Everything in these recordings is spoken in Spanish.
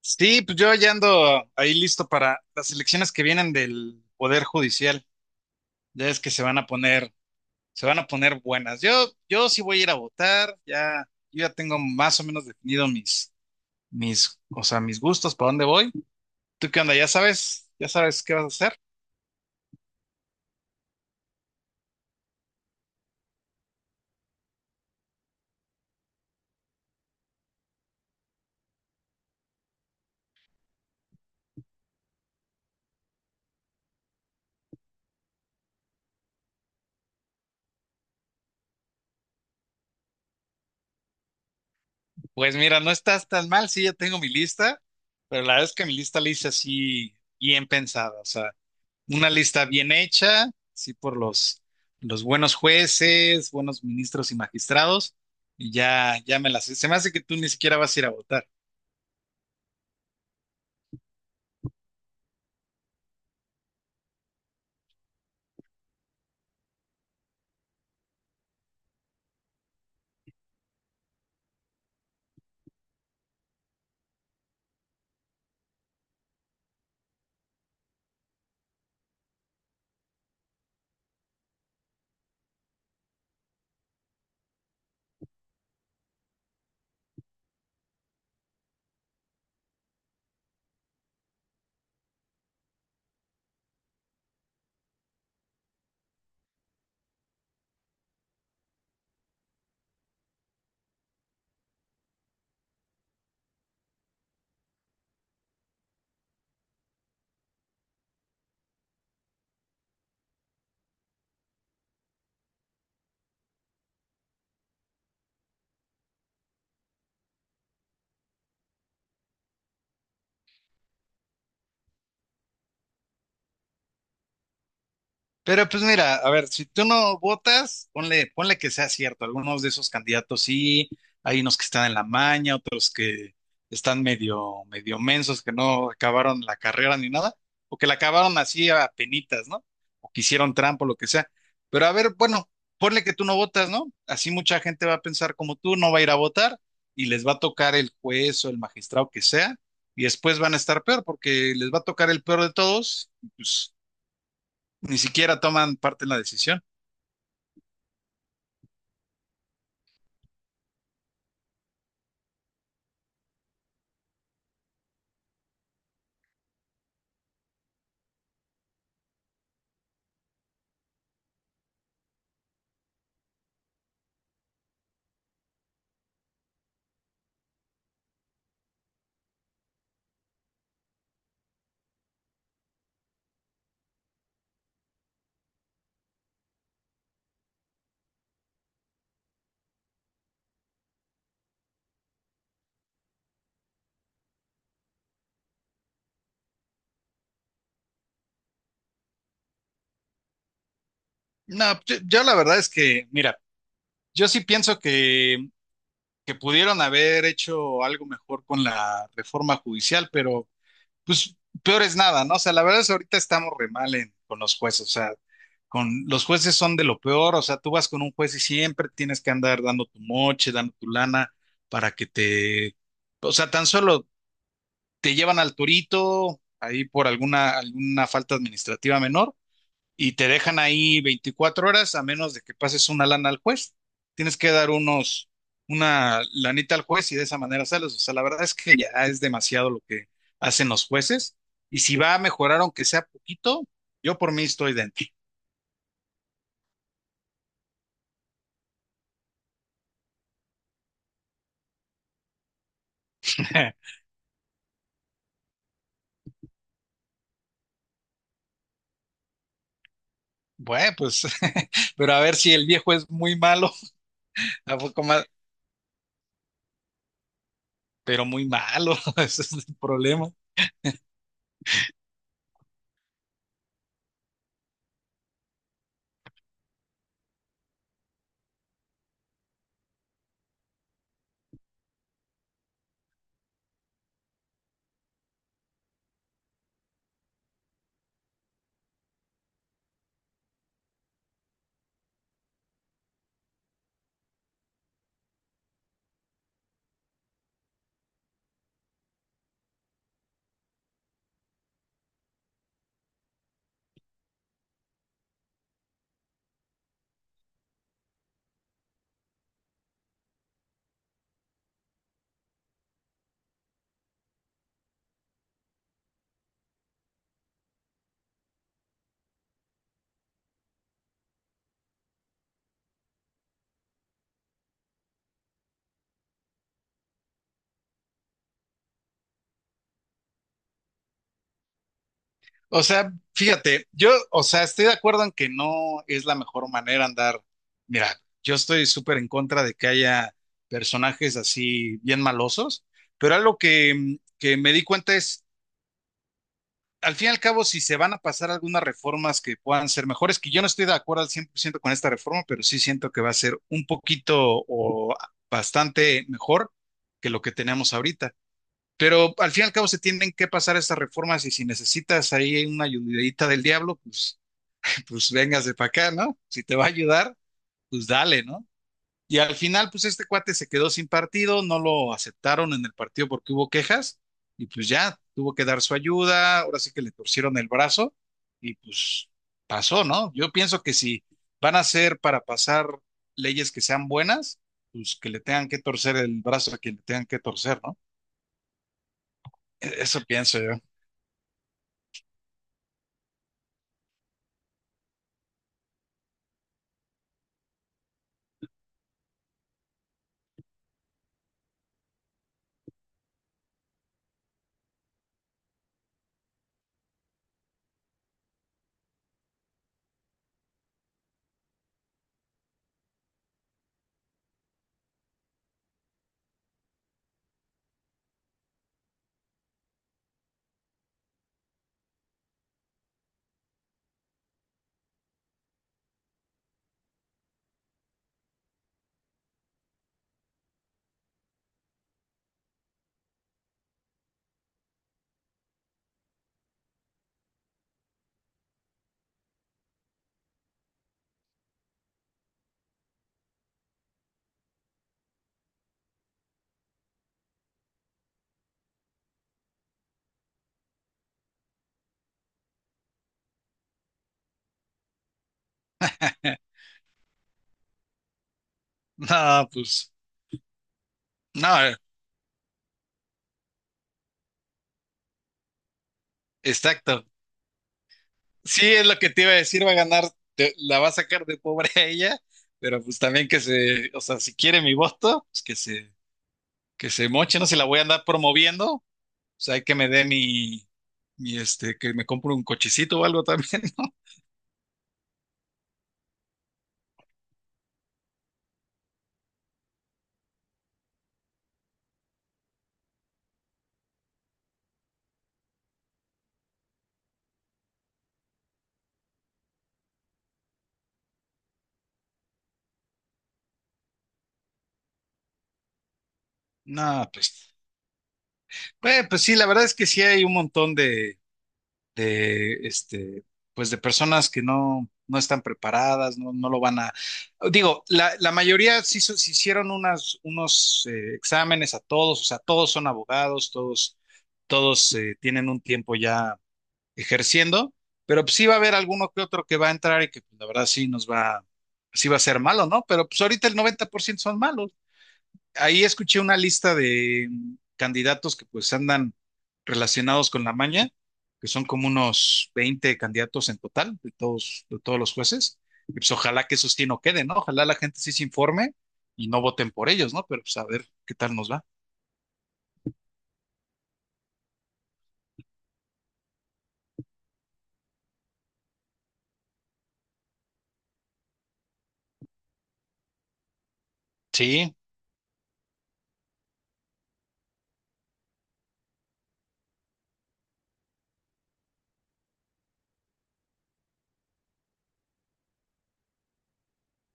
Sí, pues yo ya ando ahí listo para las elecciones que vienen del Poder Judicial. Ya es que se van a poner, se van a poner buenas. Yo sí voy a ir a votar, ya, yo ya tengo más o menos definido o sea, mis gustos, para dónde voy. ¿Tú qué onda? ¿Ya sabes? ¿Ya sabes qué vas a hacer? Pues mira, no estás tan mal, sí, ya tengo mi lista, pero la verdad es que mi lista la hice así bien pensada. O sea, una lista bien hecha, sí, por los buenos jueces, buenos ministros y magistrados, y ya, ya me las sé. Se me hace que tú ni siquiera vas a ir a votar. Pero pues mira, a ver, si tú no votas, ponle que sea cierto. Algunos de esos candidatos sí, hay unos que están en la maña, otros que están medio, medio mensos, que no acabaron la carrera ni nada, o que la acabaron así a penitas, ¿no? O que hicieron trampa, o lo que sea. Pero a ver, bueno, ponle que tú no votas, ¿no? Así mucha gente va a pensar como tú, no va a ir a votar y les va a tocar el juez o el magistrado que sea, y después van a estar peor porque les va a tocar el peor de todos, y, pues ni siquiera toman parte en la decisión. No, yo la verdad es que, mira, yo sí pienso que pudieron haber hecho algo mejor con la reforma judicial, pero pues peor es nada, ¿no? O sea, la verdad es que ahorita estamos re mal con los jueces, o sea, con los jueces son de lo peor, o sea, tú vas con un juez y siempre tienes que andar dando tu moche, dando tu lana para que o sea, tan solo te llevan al torito ahí por alguna falta administrativa menor y te dejan ahí 24 horas a menos de que pases una lana al juez. Tienes que dar una lanita al juez y de esa manera sales. O sea, la verdad es que ya es demasiado lo que hacen los jueces y si va a mejorar aunque sea poquito, yo por mí estoy dentro. Bueno, pues, pero a ver si el viejo es muy malo, a poco más, pero muy malo, ese es el problema. O sea, fíjate, yo, o sea, estoy de acuerdo en que no es la mejor manera andar. Mira, yo estoy súper en contra de que haya personajes así bien malosos, pero algo que me di cuenta es, al fin y al cabo, si se van a pasar algunas reformas que puedan ser mejores, que yo no estoy de acuerdo al 100% con esta reforma, pero sí siento que va a ser un poquito o bastante mejor que lo que tenemos ahorita. Pero al fin y al cabo se tienen que pasar estas reformas y si necesitas ahí una ayudadita del diablo, pues, pues véngase para acá, ¿no? Si te va a ayudar, pues dale, ¿no? Y al final, pues este cuate se quedó sin partido, no lo aceptaron en el partido porque hubo quejas y pues ya tuvo que dar su ayuda, ahora sí que le torcieron el brazo y pues pasó, ¿no? Yo pienso que si van a ser para pasar leyes que sean buenas, pues que le tengan que torcer el brazo a quien le tengan que torcer, ¿no? Eso pienso yo. No, pues, no, exacto. Sí, es lo que te iba a decir, va a ganar, la va a sacar de pobre a ella, pero pues también que se, o sea, si quiere mi voto, pues que que se moche, no se la voy a andar promoviendo, o sea, hay que me dé que me compre un cochecito o algo también, ¿no? No, pues, pues sí, la verdad es que sí hay un montón de, este, pues de personas que no, no están preparadas, no, no lo van a... Digo, la mayoría sí, se hicieron unos exámenes a todos, o sea, todos son abogados, todos tienen un tiempo ya ejerciendo, pero pues sí va a haber alguno que otro que va a entrar y que pues, la verdad sí va a ser malo, ¿no? Pero pues ahorita el 90% son malos ahí escuché una lista de candidatos que pues andan relacionados con la maña, que son como unos 20 candidatos en total de todos los jueces. Y pues ojalá que eso sí no quede, ¿no? Ojalá la gente sí se informe y no voten por ellos, ¿no? Pero pues a ver qué tal nos va. Sí,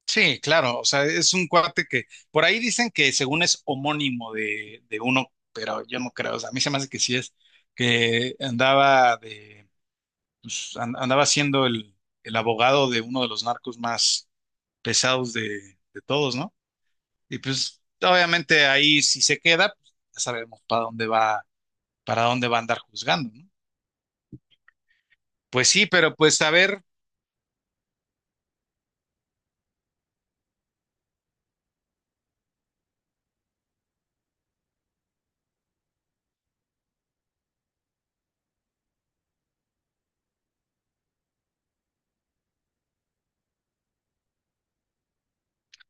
sí, claro. O sea, es un cuate que por ahí dicen que según es homónimo de uno, pero yo no creo. O sea, a mí se me hace que sí es, que andaba de pues, andaba siendo el abogado de uno de los narcos más pesados de todos, ¿no? Y pues obviamente ahí si se queda, pues, ya sabemos para dónde va a andar juzgando, ¿no? Pues sí, pero pues a ver,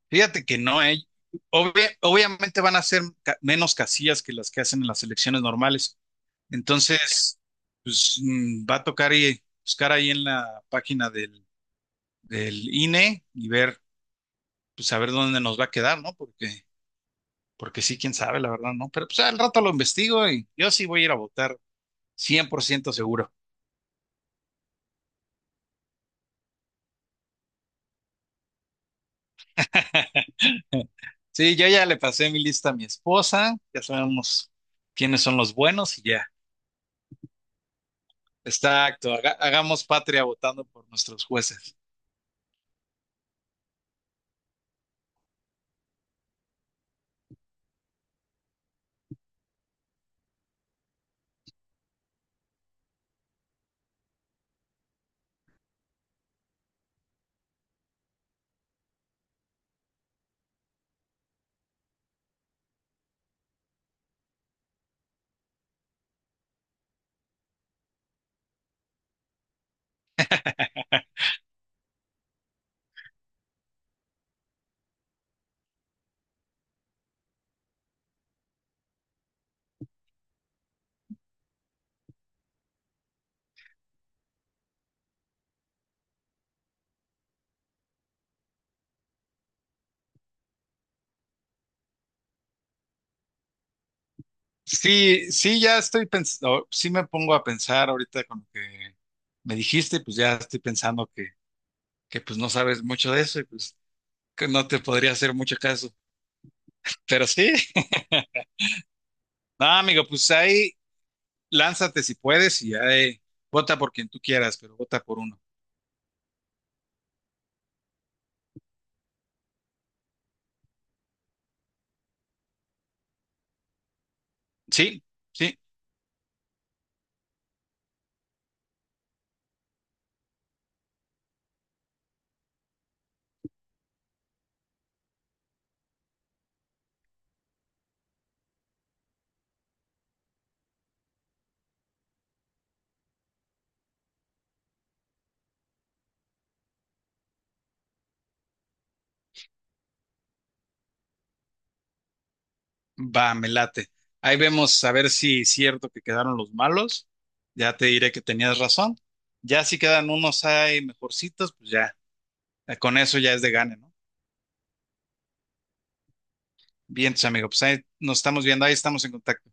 fíjate que no, ¿eh? Obviamente van a ser menos casillas que las que hacen en las elecciones normales. Entonces, pues va a tocar y buscar ahí en la página del INE y ver, pues a ver dónde nos va a quedar, ¿no? Porque porque sí, quién sabe, la verdad, ¿no? Pero pues al rato lo investigo y yo sí voy a ir a votar, 100% seguro. Sí, yo ya le pasé mi lista a mi esposa, ya sabemos quiénes son los buenos y ya. Exacto, hagamos patria votando por nuestros jueces. Sí, sí, ya estoy pensando, sí me pongo a pensar ahorita con lo que me dijiste, pues ya estoy pensando que pues no sabes mucho de eso y pues que no te podría hacer mucho caso. Pero sí, no, amigo, pues ahí, lánzate si puedes y ya vota por quien tú quieras, pero vota por uno. Sí, sí, va, me late. Ahí vemos a ver si es cierto que quedaron los malos. Ya te diré que tenías razón. Ya si quedan unos ahí mejorcitos, pues ya, con eso ya es de gane, ¿no? Bien, tus amigos, pues ahí nos estamos viendo, ahí estamos en contacto.